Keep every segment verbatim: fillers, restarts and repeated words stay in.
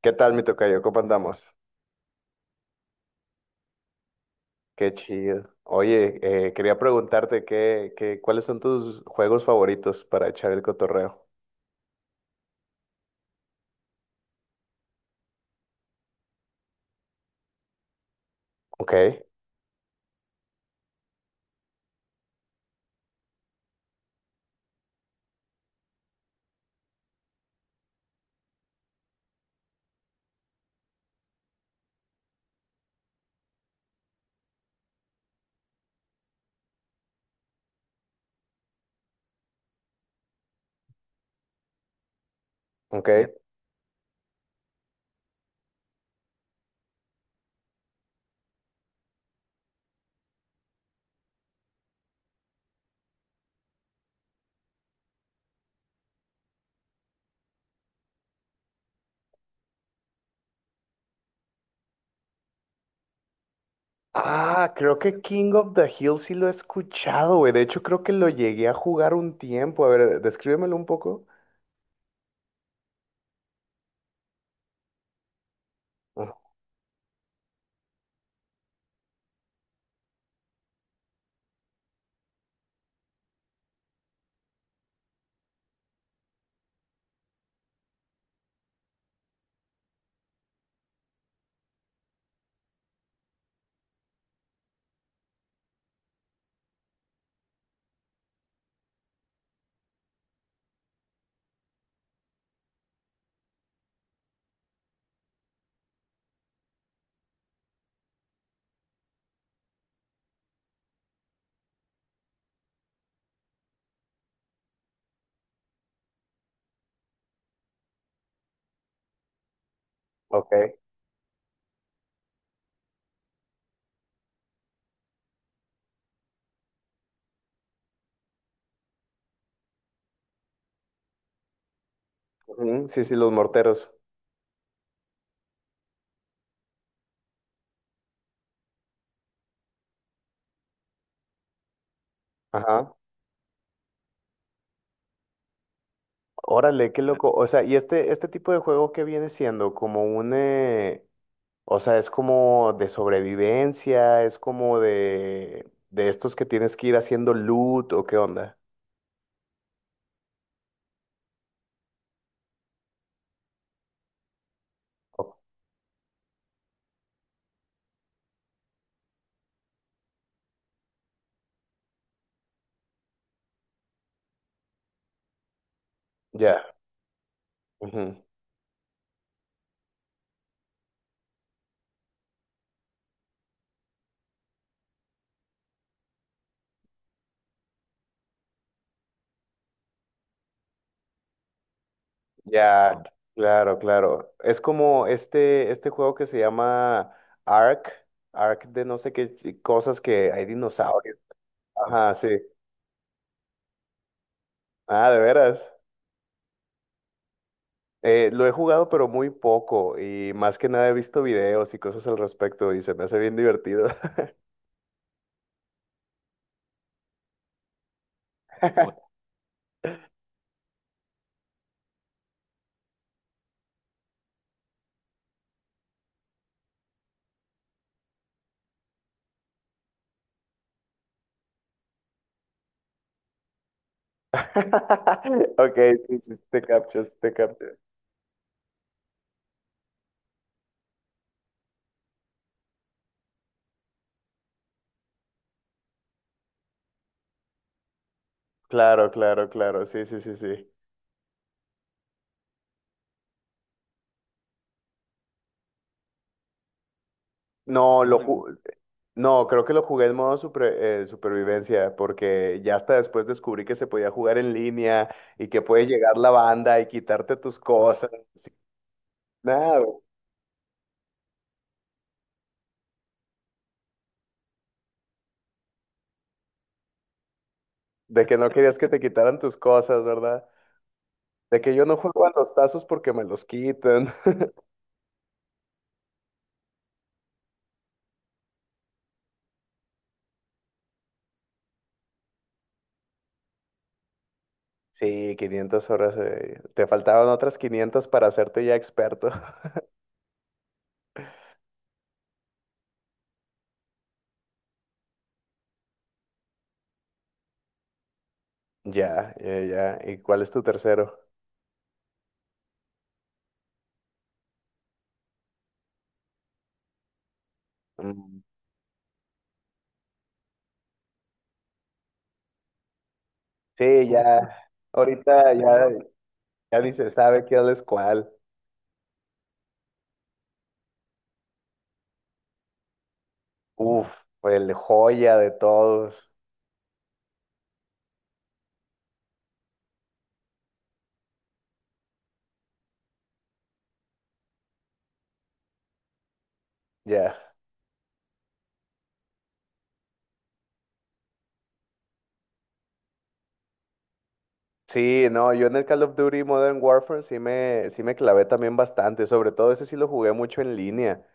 ¿Qué tal, mi tocayo? ¿Cómo andamos? Qué chido. Oye, eh, quería preguntarte qué, qué, cuáles son tus juegos favoritos para echar el cotorreo. Ok, ok. Ah, creo que King of the Hill sí lo he escuchado, güey. De hecho, creo que lo llegué a jugar un tiempo. A ver, descríbemelo un poco. Ah, ok. Ujú, sí, sí, los morteros. Ajá. Órale, qué loco. O sea, y este, este tipo de juego que viene siendo como un, eh, o sea, es como de sobrevivencia, es como de, de estos que tienes que ir haciendo loot o qué onda. O- Ya, ujú, ya, claro, claro. Es como este, este juego que se llama Ark, Ark de no sé qué ch- cosas que hay dinosaurios. Ajá, sí. Ah, de veras. Eh, lo he jugado, pero muy poco y más que nada he visto videos y cosas al respecto y se me hace bien divertido. Ok, sí, sí, sí, te captures, te captures. Claro, claro, claro, sí, sí, sí, sí. No, lo bueno, ju- no, creo que lo jugué en modo supre- eh, supervivencia, porque ya hasta después descubrí que se podía jugar en línea y que puede llegar la banda y quitarte tus cosas. Sí, nada, güey, de que no querías que te quitaran tus cosas, ¿verdad? De que yo no juego a los tazos porque me los quitan. Sí, quinientas horas. eh, Te faltaban otras quinientas para hacerte ya experto. Ya, ya, ya. ¿Y cuál es tu tercero? Mm. Sí, ya. Ahorita ya, ya ni se sabe quién es cuál. Uf, el joya de todos. Ya. Sí, no, yo en el Call of Duty Modern Warfare sí me, sí me clavé también bastante. Sobre todo ese sí lo jugué mucho en línea.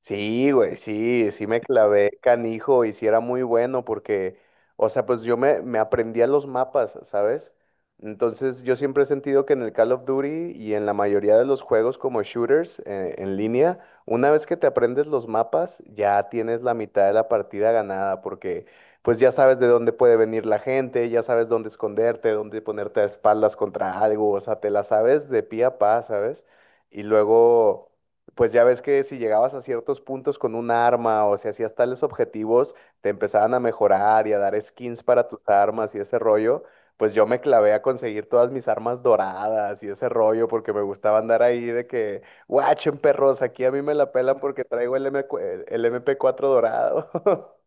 Sí, güey, sí, sí me clavé canijo y sí era muy bueno porque, o sea, pues yo me, me aprendía los mapas, ¿sabes? Entonces yo siempre he sentido que en el Call of Duty y en la mayoría de los juegos como shooters eh, en línea, una vez que te aprendes los mapas, ya tienes la mitad de la partida ganada porque pues ya sabes de dónde puede venir la gente, ya sabes dónde esconderte, dónde ponerte a espaldas contra algo, o sea, te la sabes de pie a pa, ¿sabes? Y luego... Pues ya ves que si llegabas a ciertos puntos con un arma o si hacías tales objetivos, te empezaban a mejorar y a dar skins para tus armas y ese rollo. Pues yo me clavé a conseguir todas mis armas doradas y ese rollo porque me gustaba andar ahí de que, guachen perros, aquí a mí me la pelan porque traigo el M cu- el- el M P cuatro dorado.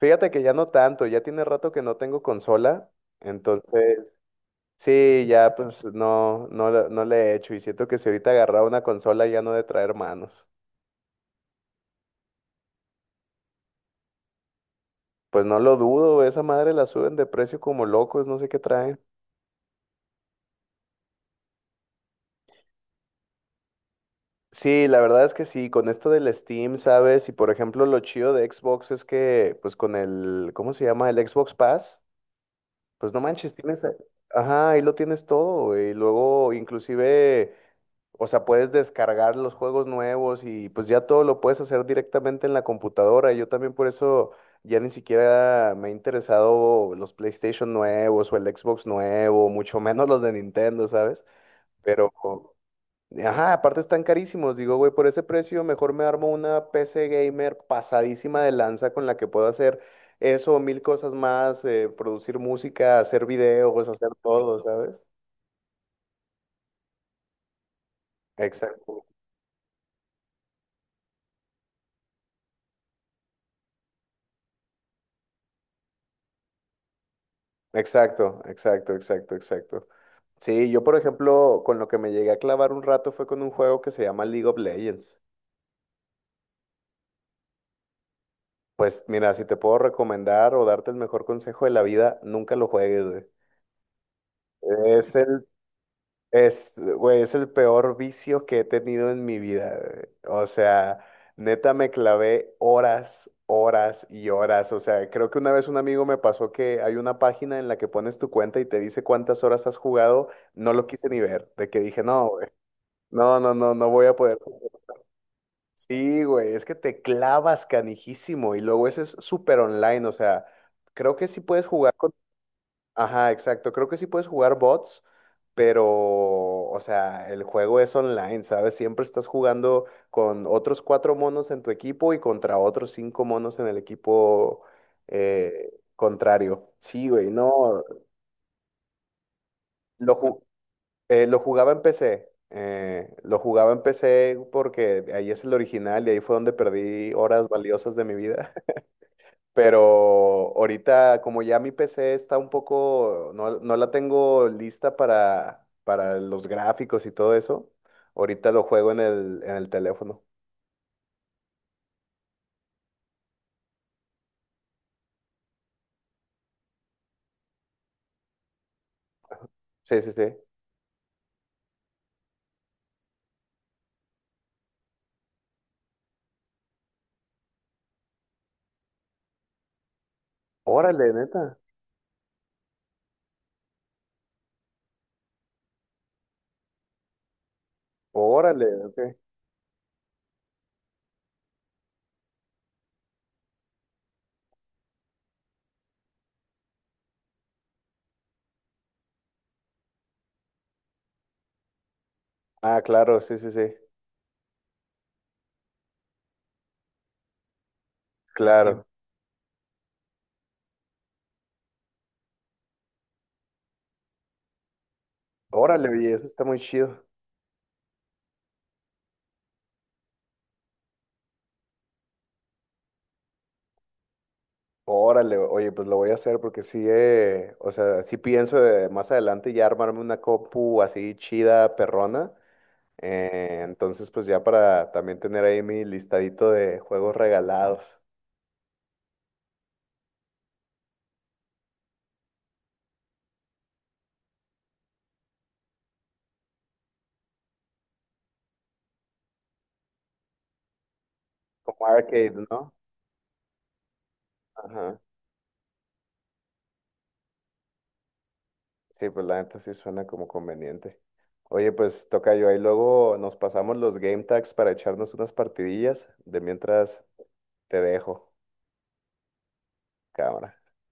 Fíjate que ya no tanto, ya tiene rato que no tengo consola, entonces sí, ya pues no, no, la- no le he hecho y siento que si ahorita agarraba una consola ya no he de traer manos. Pues no lo dudo, esa madre la suben de precio como locos, no sé qué traen. Sí, la verdad es que sí, con esto del Steam, ¿sabes? Y por ejemplo, lo chido de Xbox es que, pues con el, ¿cómo se llama? El Xbox Pass. Pues no manches, tienes, a- ajá, ahí lo tienes todo, y luego inclusive, o sea, puedes descargar los juegos nuevos y pues ya todo lo puedes hacer directamente en la computadora. Yo también por eso ya ni siquiera me ha interesado los PlayStation nuevos o el Xbox nuevo, mucho menos los de Nintendo, ¿sabes? Pero ajá, aparte están carísimos. Digo, güey, por ese precio mejor me armo una P C gamer pasadísima de lanza con la que puedo hacer eso, mil cosas más, eh, producir música, hacer videos, hacer todo, ¿sabes? Exacto, exacto, exacto, exacto, exacto. Sí, yo por ejemplo, con lo que me llegué a clavar un rato fue con un juego que se llama League of Legends. Pues mira, si te puedo recomendar o darte el mejor consejo de la vida, nunca lo juegues, güey. Es el Es, güey, es el peor vicio que he tenido en mi vida, güey. O sea, neta me clavé horas, horas y horas. O sea, creo que una vez un amigo me pasó que hay una página en la que pones tu cuenta y te dice cuántas horas has jugado. No lo quise ni ver, de que dije, no, güey, no, no, no, no voy a poder. Sí, güey, es que te clavas canijísimo y luego ese es súper online. O sea, creo que sí puedes jugar. Ajá, exacto. Creo que sí puedes jugar bots, pero, o sea, el juego es online, ¿sabes? Siempre estás jugando con otros cuatro monos en tu equipo y contra otros cinco monos en el equipo eh, contrario. Sí, güey, no. Lo, ju- eh, lo jugaba en P C. eh, lo jugaba en P C porque ahí es el original y ahí fue donde perdí horas valiosas de mi vida. Pero ahorita, como ya mi P C está un poco, no, no la tengo lista para, para los gráficos y todo eso, ahorita lo juego en el, en el teléfono. Sí, sí, sí. Órale, neta. Órale, ok. Ah, claro, sí, sí, sí. Sí. Claro. Órale, oye, eso está muy chido. Órale, oye, pues lo voy a hacer porque sí, eh, o sea, sí pienso de más adelante ya armarme una compu así chida, perrona. Eh, entonces, pues ya para también tener ahí mi listadito de juegos regalados, como arcade, ¿no? Ajá. Sí, pues la neta sí suena como conveniente. Oye, pues toca yo ahí luego nos pasamos los game tags para echarnos unas partidillas. De mientras te dejo, cámara.